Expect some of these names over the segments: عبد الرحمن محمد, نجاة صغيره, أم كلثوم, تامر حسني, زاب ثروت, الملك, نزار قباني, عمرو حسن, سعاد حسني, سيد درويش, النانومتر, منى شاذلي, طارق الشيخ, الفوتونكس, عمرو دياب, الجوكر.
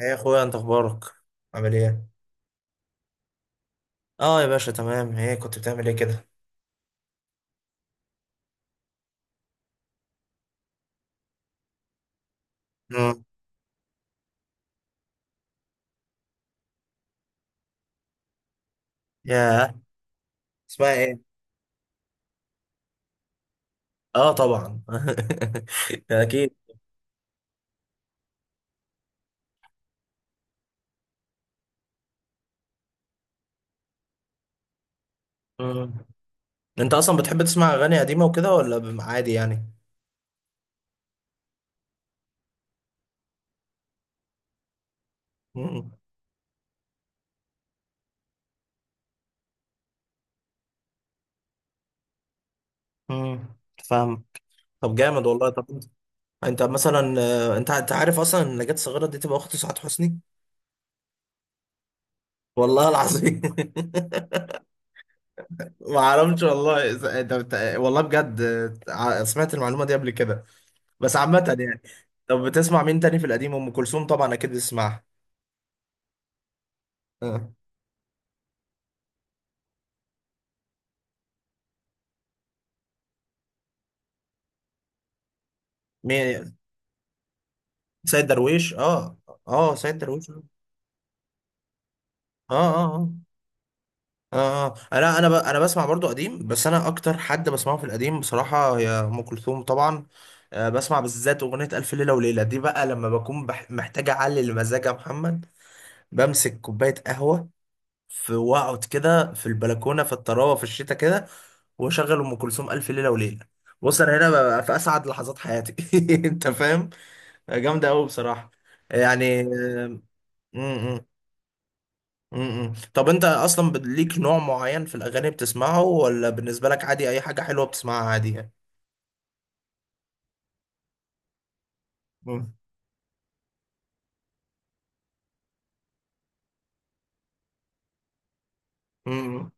ايه يا اخويا، انت اخبارك؟ عامل ايه؟ اه يا باشا، تمام. ايه كنت بتعمل ايه كده؟ مم. ياه. اسمها ايه؟ اه، طبعا. اكيد. مم. انت اصلا بتحب تسمع اغاني قديمه وكده، ولا عادي يعني؟ مم. مم. فاهم. طب جامد والله. طب انت مثلا، انت عارف اصلا ان نجاة صغيره دي تبقى اخت سعاد حسني؟ والله العظيم. ما اعرفش والله. والله بجد. سمعت المعلومه دي قبل كده. بس عامة يعني. طب بتسمع مين تاني في القديم؟ ام كلثوم طبعا، اكيد بتسمعها. آه. مين؟ سيد درويش، اه. اه، سيد درويش، اه. اه، اه، اه اه انا بسمع برضو قديم، بس انا اكتر حد بسمعه في القديم بصراحة هي ام كلثوم طبعا. بسمع بالذات اغنية الف ليلة وليلة دي بقى، لما بكون محتاج اعلي المزاج يا محمد. بمسك كوباية قهوة في، واقعد كده في البلكونه في الطراوه في الشتاء كده، واشغل ام كلثوم الف ليله وليله. بص انا هنا ببقى في اسعد لحظات حياتي. انت فاهم؟ جامده قوي بصراحه. يعني. م- م- م- م. طب انت اصلا ليك نوع معين في الاغاني بتسمعه، ولا بالنسبه لك عادي اي حاجه حلوه بتسمعها عادي يعني؟ م- م-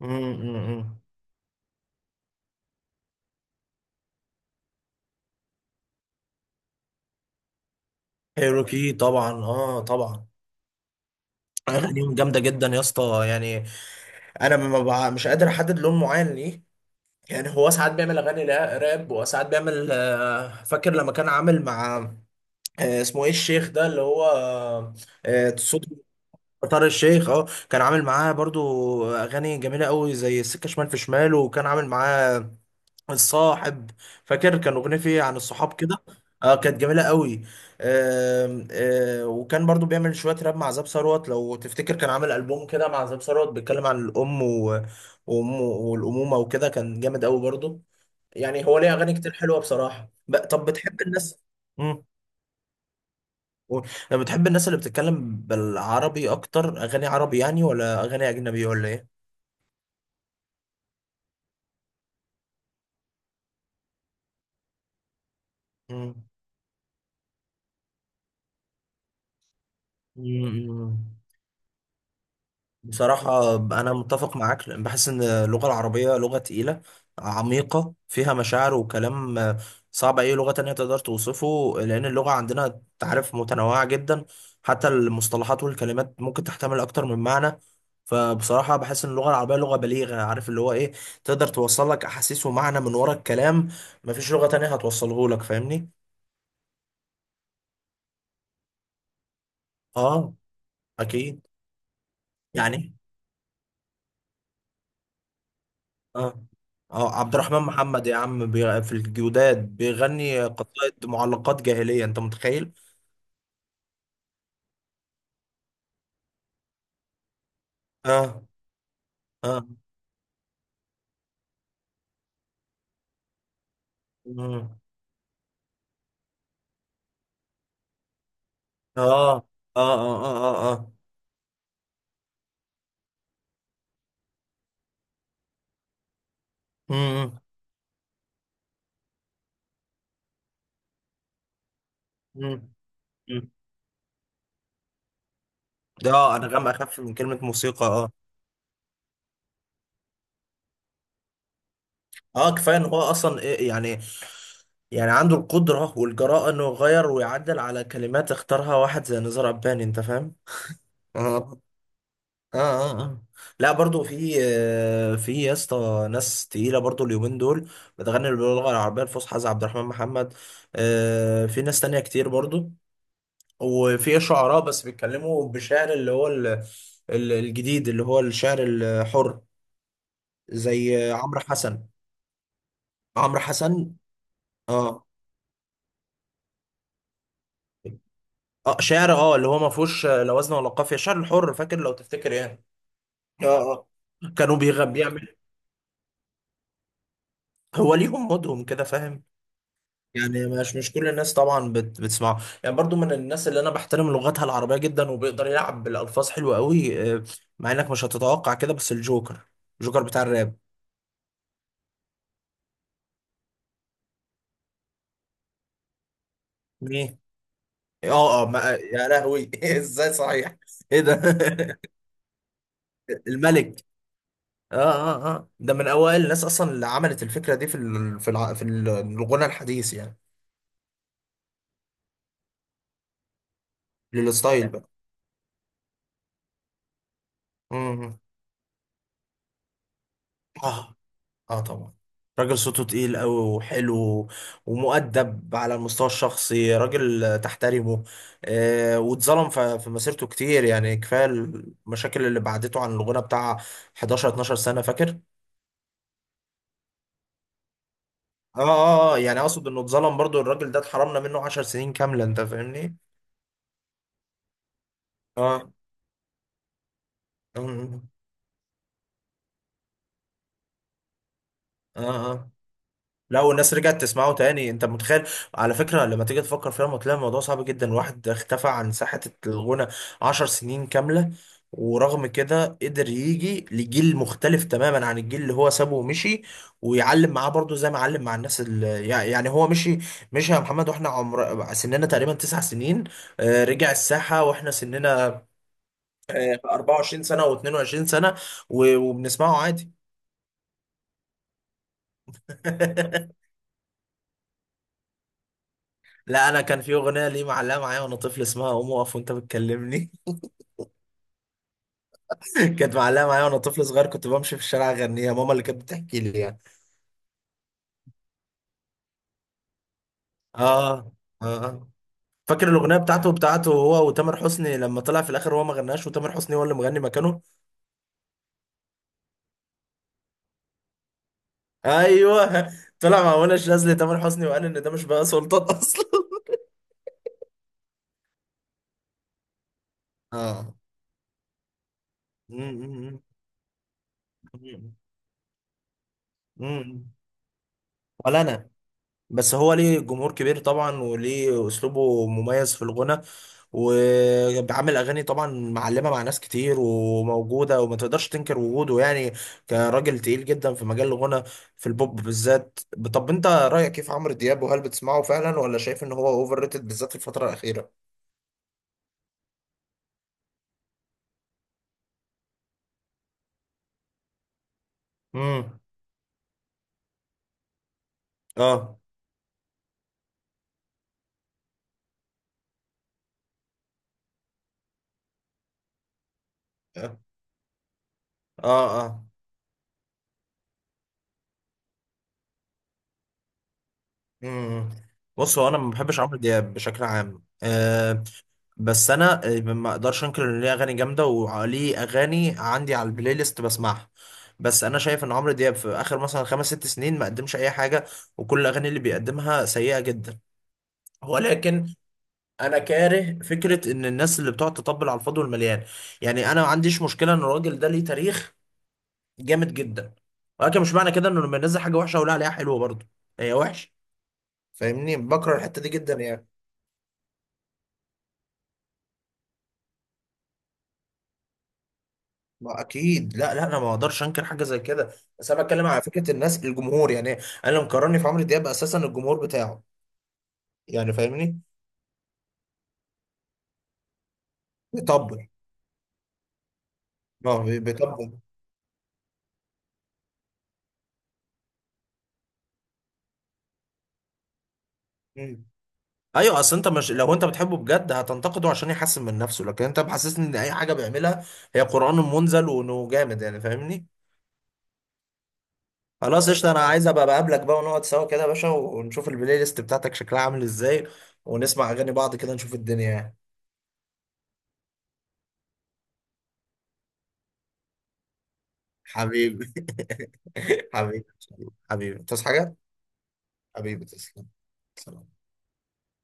م- م- م. كايروكي، طبعا، اه، طبعا. اغانيهم جامده جدا يا اسطى يعني. انا ما بع- مش قادر احدد لون معين ليه. يعني هو ساعات بيعمل اغاني راب، وساعات بيعمل، فاكر لما كان عامل مع، اسمه ايه الشيخ ده اللي هو، صوت، طارق الشيخ، اه، كان عامل معاه برضو اغاني جميله قوي زي السكه شمال في شمال، وكان عامل معاه الصاحب. فاكر كان اغنيه فيه عن الصحاب كده. اه، كانت جميله قوي. وكان برضو بيعمل شويه راب مع زاب ثروت لو تفتكر، كان عامل البوم كده مع زاب ثروت بيتكلم عن الام، وأم- والامومه وكده، كان جامد قوي برضو. يعني هو ليه اغاني كتير حلوه بصراحه. طب بتحب الناس. امم طب بتحب الناس اللي بتتكلم بالعربي اكتر؟ اغاني عربي يعني، ولا اغاني اجنبي، ولا ايه؟ امم بصراحة أنا متفق معاك، لأن بحس إن اللغة العربية لغة تقيلة، عميقة، فيها مشاعر وكلام صعب أي لغة تانية تقدر توصفه، لأن اللغة عندنا تعرف متنوعة جدا. حتى المصطلحات والكلمات ممكن تحتمل أكتر من معنى. فبصراحة بحس إن اللغة العربية لغة بليغة، عارف اللي هو إيه، تقدر توصل لك أحاسيس ومعنى من ورا الكلام مفيش لغة تانية هتوصله لك. فاهمني؟ آه، أكيد يعني. اه، اه، عبد الرحمن محمد يا عم، في الجوداد بيغني قطائد، معلقات جاهلية، انت متخيل؟ اه. اه. مم. اه، اه، اه، اه، اه، اه. مم. مم. مم. اه، انغام اخف من كلمة موسيقى، اه. اه، كفاية ان هو اصلا إيه يعني، يعني عنده القدرة والجراءة انه يغير ويعدل على كلمات اختارها واحد زي نزار قباني، انت فاهم؟ اه. اه، اه، اه، لا، برضو في، يا اسطى ناس تقيله برضو اليومين دول بتغني باللغه العربيه الفصحى زي عبد الرحمن محمد. في ناس تانية كتير برضو. وفي شعراء بس بيتكلموا بشعر اللي هو الجديد، اللي هو الشعر الحر، زي عمرو حسن. عمرو حسن. اه، اه، شعر، اه، اللي هو ما فيهوش لا وزن ولا قافيه، شعر الحر، فاكر لو تفتكر يعني. اه. اه. بيعمل. هو ليهم مودهم كده، فاهم. يعني مش كل الناس طبعا بتسمعه يعني، برضو من الناس اللي انا بحترم لغتها العربية جدا، وبيقدر يلعب بالالفاظ حلوة قوي. مع انك مش هتتوقع كده، بس الجوكر، الجوكر بتاع الراب. مين؟ اه، اه، يا لهوي، ازاي، صحيح! ايه ده! الملك. اه، اه، اه، ده من اوائل الناس اصلا اللي عملت الفكرة دي في، الغنى الحديث يعني. للستايل بقى. مم. اه، اه، طبعا. راجل صوته تقيل قوي وحلو، ومؤدب على المستوى الشخصي، راجل تحترمه. واتظلم في مسيرته كتير يعني، كفاية المشاكل اللي بعدته عن الغنى بتاع 11 12 سنة، فاكر. اه، اه، يعني اقصد انه اتظلم برضو الراجل ده، اتحرمنا منه 10 سنين كاملة، انت فاهمني. اه. اه. اه. آه. لا، والناس رجعت تسمعه تاني، انت متخيل؟ على فكره لما تيجي تفكر فيها، لما تلاقي الموضوع صعب جدا، واحد اختفى عن ساحه الغنى 10 سنين كامله، ورغم كده قدر يجي لجيل مختلف تماما عن الجيل اللي هو سابه ومشي، ويعلم معاه برضه زي ما علم مع الناس اللي، يعني، هو مشي. مشي يا محمد واحنا عمر سننا تقريبا 9 سنين، رجع الساحه واحنا سننا 24 سنه و22 سنه، وبنسمعه عادي. لا، انا كان في اغنيه ليه معلقه معايا وانا طفل، اسمها قوم اقف وانت بتكلمني. كانت معلقه معايا وانا طفل صغير، كنت بمشي في الشارع اغنيها. ماما اللي كانت بتحكي لي يعني. اه. اه. آه. فاكر الاغنيه بتاعته، هو وتامر حسني، لما طلع في الاخر هو ما غناش، وتامر حسني هو اللي مغني مكانه. ايوه. طلع مع منى شاذلي تامر حسني، وقال ان ده مش بقى سلطان اصلا. اه م- م- م- م- م- م. ولا انا. بس هو ليه جمهور كبير طبعا، وليه اسلوبه مميز في الغنى، وعامل اغاني طبعا معلمه مع ناس كتير، وموجوده، وما تقدرش تنكر وجوده يعني، كراجل تقيل جدا في مجال الغنى، في البوب بالذات. طب انت رايك كيف عمرو دياب؟ وهل بتسمعه فعلا، ولا شايف ان هو اوفر ريتد بالذات في الفتره الاخيره؟ امم اه، اه، اه. امم بص، هو انا ما بحبش عمرو دياب بشكل عام. بس انا، ما اقدرش انكر ان ليه اغاني جامده، وليه اغاني عندي على البلاي ليست بسمعها. بس انا شايف ان عمرو دياب في اخر مثلا خمس ست سنين ما قدمش اي حاجه، وكل الاغاني اللي بيقدمها سيئه جدا. ولكن انا كاره فكره ان الناس اللي بتقعد تطبل على الفاضي والمليان. يعني انا ما عنديش مشكله ان الراجل ده ليه تاريخ جامد جدا، ولكن مش معنى كده انه لما ينزل حاجه وحشه اقول عليها حلوه برضه، هي وحشه. فاهمني، بكره الحته دي جدا يعني. ما اكيد، لا، لا، انا ما اقدرش انكر حاجه زي كده، بس انا بتكلم على فكره الناس، الجمهور يعني، انا لو مقارني في عمرو دياب اساسا الجمهور بتاعه، يعني فاهمني، بيطبل. اه، بيطبل. مم. ايوه، اصل انت، مش لو انت بتحبه بجد هتنتقده عشان يحسن من نفسه؟ لكن انت محسسني ان اي حاجه بيعملها هي قران منزل، وانه جامد يعني، فاهمني. خلاص قشطه، انا عايز ابقى بقابلك بقى، ونقعد سوا كده يا باشا، ونشوف البلاي ليست بتاعتك شكلها عامل ازاي، ونسمع اغاني بعض كده، نشوف الدنيا يعني. حبيبي. حبيبي. حبيبي، تصحى حاجه؟ حبيبي، تسلم. سلام.